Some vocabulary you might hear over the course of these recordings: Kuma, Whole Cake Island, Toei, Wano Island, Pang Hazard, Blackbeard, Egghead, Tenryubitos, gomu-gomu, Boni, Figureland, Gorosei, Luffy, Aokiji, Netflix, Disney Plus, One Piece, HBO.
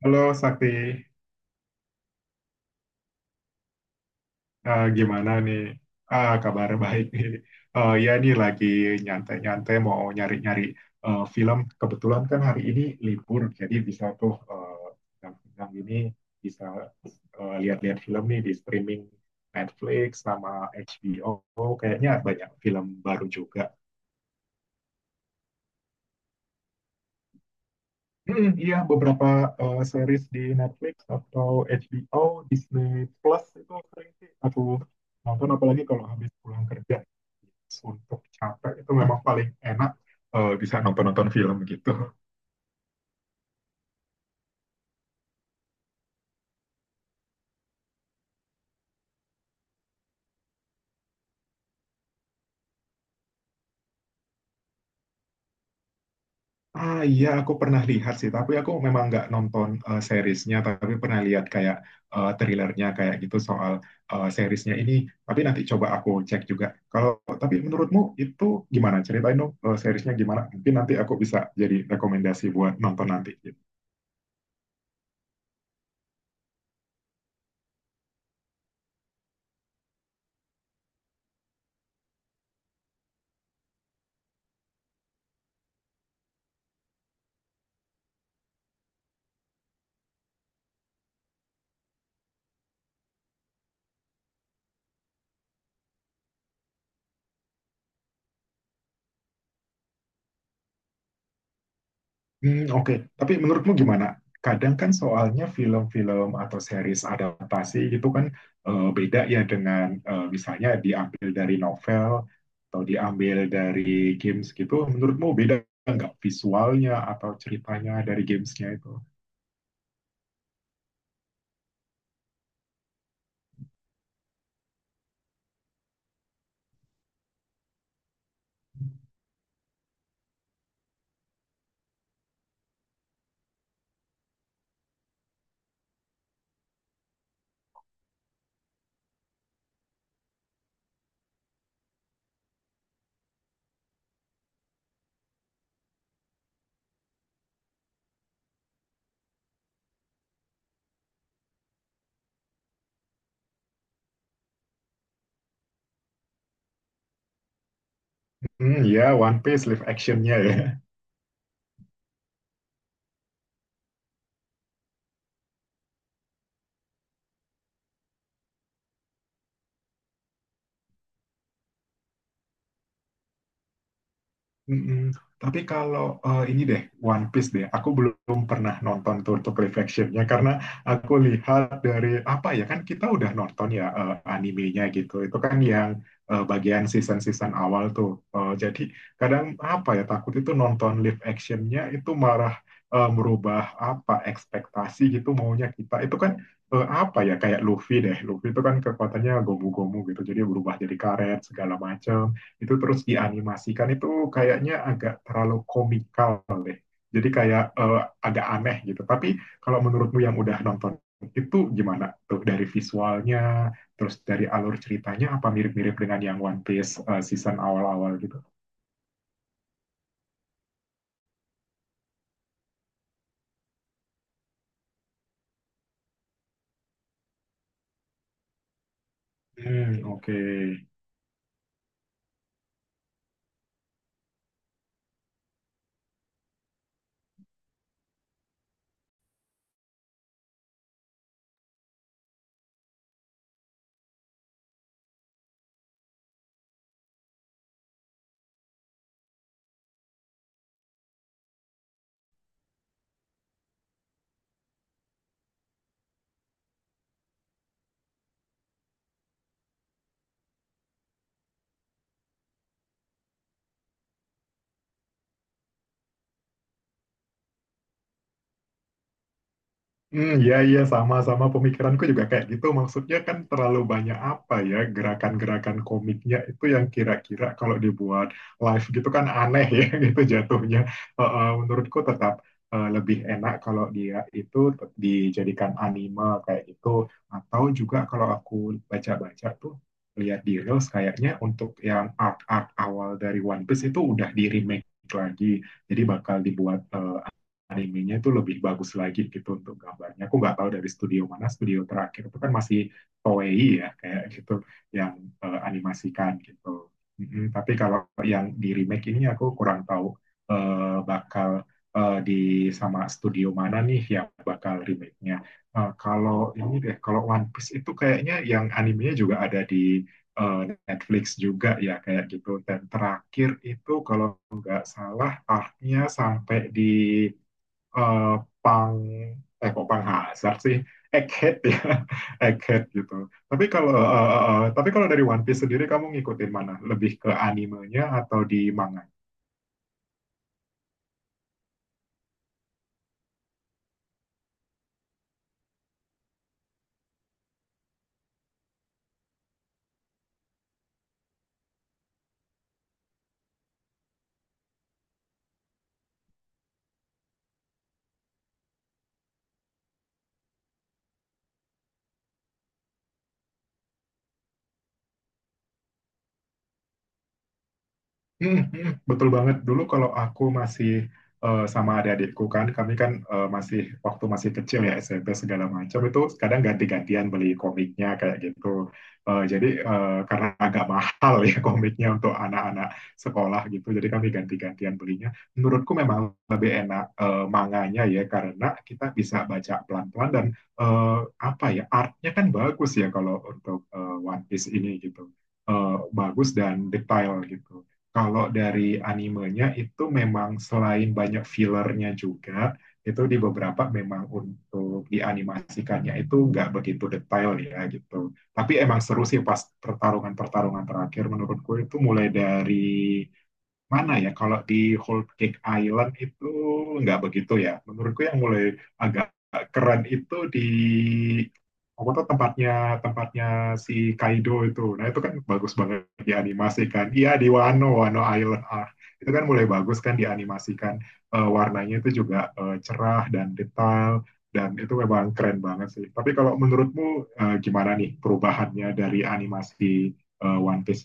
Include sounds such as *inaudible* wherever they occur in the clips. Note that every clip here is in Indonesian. Halo Sakti, gimana nih? Kabar baik nih. Ya nih lagi nyantai-nyantai mau nyari-nyari film. Kebetulan kan hari ini libur, jadi bisa tuh yang ini bisa lihat-lihat film nih di streaming Netflix sama HBO. Kayaknya banyak film baru juga. Hmm, iya, beberapa series di Netflix atau HBO, Disney Plus itu sering sih aku nonton, apalagi kalau habis pulang kerja. Untuk capek itu memang paling enak bisa nonton-nonton film gitu. Iya, aku pernah lihat sih, tapi aku memang nggak nonton seriesnya, tapi pernah lihat kayak trailernya kayak gitu soal seriesnya ini. Tapi nanti coba aku cek juga. Kalau tapi menurutmu itu gimana? Ceritain dong, seriesnya gimana? Mungkin nanti aku bisa jadi rekomendasi buat nonton nanti, gitu. Hmm. Oke. Tapi menurutmu gimana? Kadang kan soalnya film-film atau series adaptasi itu kan beda ya dengan misalnya diambil dari novel atau diambil dari games gitu. Menurutmu beda nggak visualnya atau ceritanya dari gamesnya itu? Hmm, ya, One Piece live actionnya ya. Mm-mm. Tapi kalau ini deh, One Piece deh, aku belum pernah nonton tuh untuk live actionnya karena aku lihat dari apa ya, kan kita udah nonton ya animenya gitu, itu kan yang bagian season-season awal tuh. Jadi kadang apa ya takut itu nonton live actionnya itu marah, merubah apa ekspektasi gitu maunya kita itu kan apa ya kayak Luffy deh, Luffy itu kan kekuatannya gomu-gomu gitu, jadi berubah jadi karet segala macam itu terus dianimasikan itu kayaknya agak terlalu komikal. Jadi kayak agak aneh gitu. Tapi kalau menurutmu yang udah nonton itu gimana tuh dari visualnya, terus dari alur ceritanya apa mirip-mirip dengan yang One Piece season awal-awal gitu? Hmm, oke. Okay. Hmm, ya, ya, sama-sama pemikiranku juga kayak gitu. Maksudnya kan terlalu banyak apa ya, gerakan-gerakan komiknya itu yang kira-kira kalau dibuat live gitu kan aneh ya *laughs* gitu jatuhnya. Menurutku tetap lebih enak kalau dia itu dijadikan anime kayak gitu. Atau juga kalau aku baca-baca tuh, lihat di Reels kayaknya untuk yang art-art awal dari One Piece itu udah di-remake lagi. Jadi bakal dibuat animenya itu lebih bagus lagi gitu untuk gambarnya. Aku nggak tahu dari studio mana, studio terakhir itu kan masih Toei ya kayak gitu yang animasikan gitu. Mm-mm, tapi kalau yang di remake ini aku kurang tahu bakal eh, di sama studio mana nih yang bakal remake-nya. Kalau ini deh, kalau One Piece itu kayaknya yang animenya juga ada di eh, Netflix juga ya kayak gitu. Dan terakhir itu kalau nggak salah arc sampai di eh Pang eh kok Pang Hazard sih, Egghead ya *laughs* Egghead gitu. Tapi kalau tapi kalau dari One Piece sendiri kamu ngikutin mana, lebih ke animenya atau di manga? Hmm, hmm, betul banget. Dulu kalau aku masih sama adik-adikku kan, kami kan masih waktu masih kecil ya, SMP segala macam, itu kadang ganti-gantian beli komiknya kayak gitu. Jadi karena agak mahal ya *laughs* komiknya untuk anak-anak sekolah gitu, jadi kami ganti-gantian belinya. Menurutku memang lebih enak manganya ya karena kita bisa baca pelan-pelan dan eh, apa ya artnya kan bagus ya kalau untuk One Piece ini gitu. eh, Bagus dan detail gitu. Kalau dari animenya itu memang selain banyak fillernya juga, itu di beberapa memang untuk dianimasikannya itu nggak begitu detail ya gitu. Tapi emang seru sih pas pertarungan-pertarungan terakhir, menurutku itu mulai dari mana ya, kalau di Whole Cake Island itu nggak begitu ya. Menurutku yang mulai agak keren itu di apa tuh tempatnya, tempatnya si Kaido itu. Nah itu kan bagus banget dianimasikan. Iya, di Wano, Wano Island. Ah, itu kan mulai bagus kan dianimasikan. Warnanya itu juga cerah dan detail, dan itu memang keren banget sih. Tapi kalau menurutmu gimana nih perubahannya dari animasi One Piece?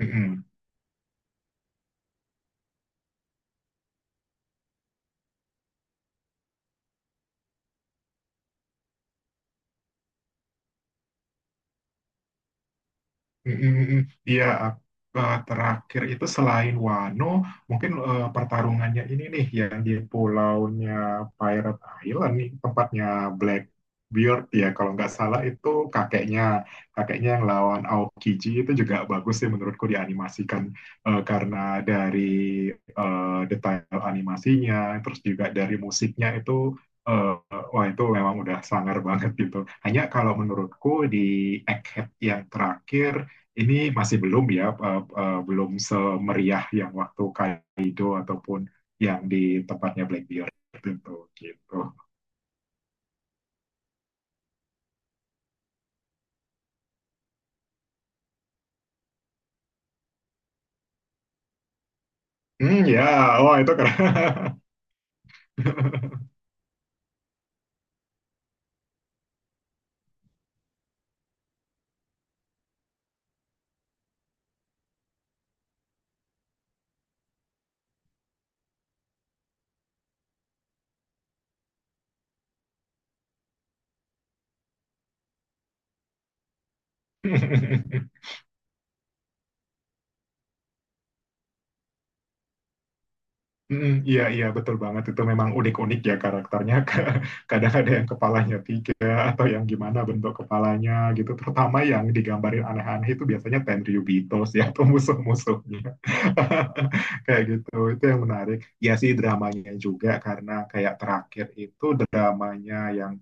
Mm-mm. Mm, mm, mm. Iya, terakhir itu selain Wano, mungkin pertarungannya ini nih yang di pulaunya Pirate Island nih, tempatnya Blackbeard ya kalau nggak salah, itu kakeknya, kakeknya yang lawan Aokiji itu juga bagus sih menurutku dianimasikan, karena dari detail animasinya, terus juga dari musiknya itu, eh, wah itu memang udah sangar banget gitu. Hanya kalau menurutku di Egghead yang terakhir ini masih belum ya, belum semeriah yang waktu Kaido ataupun yang di tempatnya Blackbeard tentu gitu. Hmm ya, wah itu keren. *laughs* Mm, iya, iya, betul banget, itu memang unik-unik ya karakternya. *laughs* Kadang ada yang kepalanya tiga atau yang gimana bentuk kepalanya gitu, terutama yang digambarin aneh-aneh itu biasanya Tenryubitos ya atau musuh-musuhnya *laughs* kayak gitu, itu yang menarik ya. Sih dramanya juga karena kayak terakhir itu dramanya yang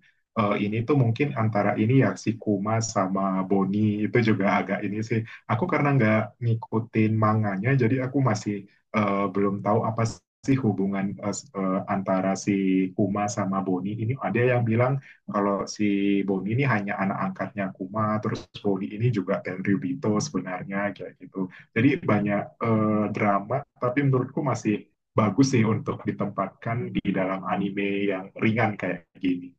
ini tuh mungkin antara ini ya, si Kuma sama Boni itu juga agak ini sih, aku karena nggak ngikutin manganya jadi aku masih belum tahu apa sih hubungan antara si Kuma sama Boni ini. Ada yang bilang kalau si Boni ini hanya anak angkatnya Kuma, terus Boni ini juga Tenryu Bito sebenarnya kayak gitu. Jadi banyak drama, tapi menurutku masih bagus sih untuk ditempatkan di dalam anime yang ringan kayak gini.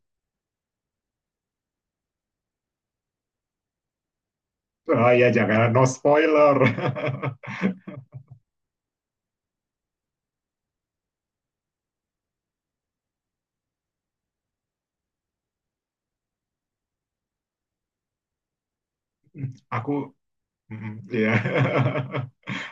Oh ya, jangan, no spoiler. *laughs* Aku mm, ya. Yeah. *laughs*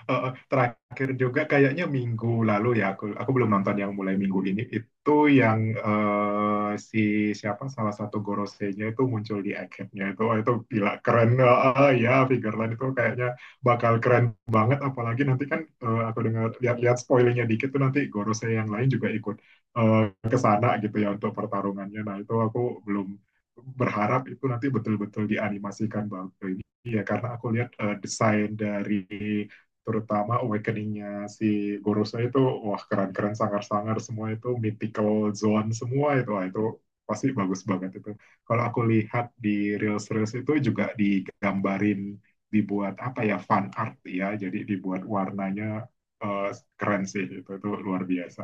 Heeh, terakhir juga kayaknya minggu lalu ya, aku belum nonton yang mulai minggu ini itu yang si siapa salah satu Gorosei-nya itu muncul di akhirnya itu, wah, itu gila keren. Heeh, ya Figureland itu kayaknya bakal keren banget, apalagi nanti kan aku dengar lihat-lihat spoilernya dikit tuh nanti Gorosei yang lain juga ikut eh, ke sana gitu ya untuk pertarungannya. Nah itu aku belum berharap itu nanti betul-betul dianimasikan banget ini ya, karena aku lihat desain dari terutama awakening-nya si Gorosa itu, wah, keren-keren, sangar-sangar semua itu, mythical zone semua itu, wah, itu pasti bagus banget itu. Kalau aku lihat di reels-reels itu juga digambarin, dibuat apa ya, fan art ya, jadi dibuat warnanya eh, keren sih itu luar biasa.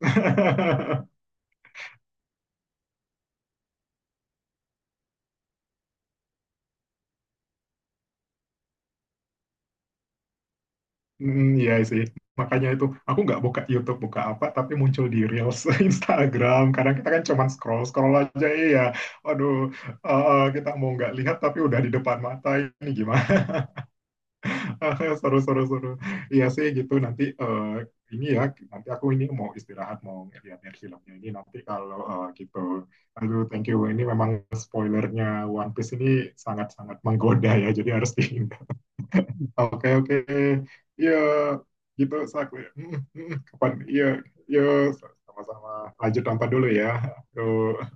*laughs* Hmm, iya sih. Makanya itu, aku nggak buka YouTube, buka apa, tapi muncul di Reels *laughs* Instagram. Kadang kita kan cuman scroll-scroll aja, iya. Aduh, kita mau nggak lihat, tapi udah di depan mata ini gimana. *laughs* Seru, seru, seru. Iya sih, gitu. Nanti ini ya, nanti aku ini mau istirahat, mau lihat-lihat filmnya ini. Nanti kalau gitu. Aduh, thank you. Ini memang spoilernya One Piece ini sangat-sangat menggoda ya, jadi harus dihindari. Oke, oke, iya gitu Sak. Mm, mm. Kapan? Iya, iya, sama-sama. Lanjut nonton dulu ya. Tuh.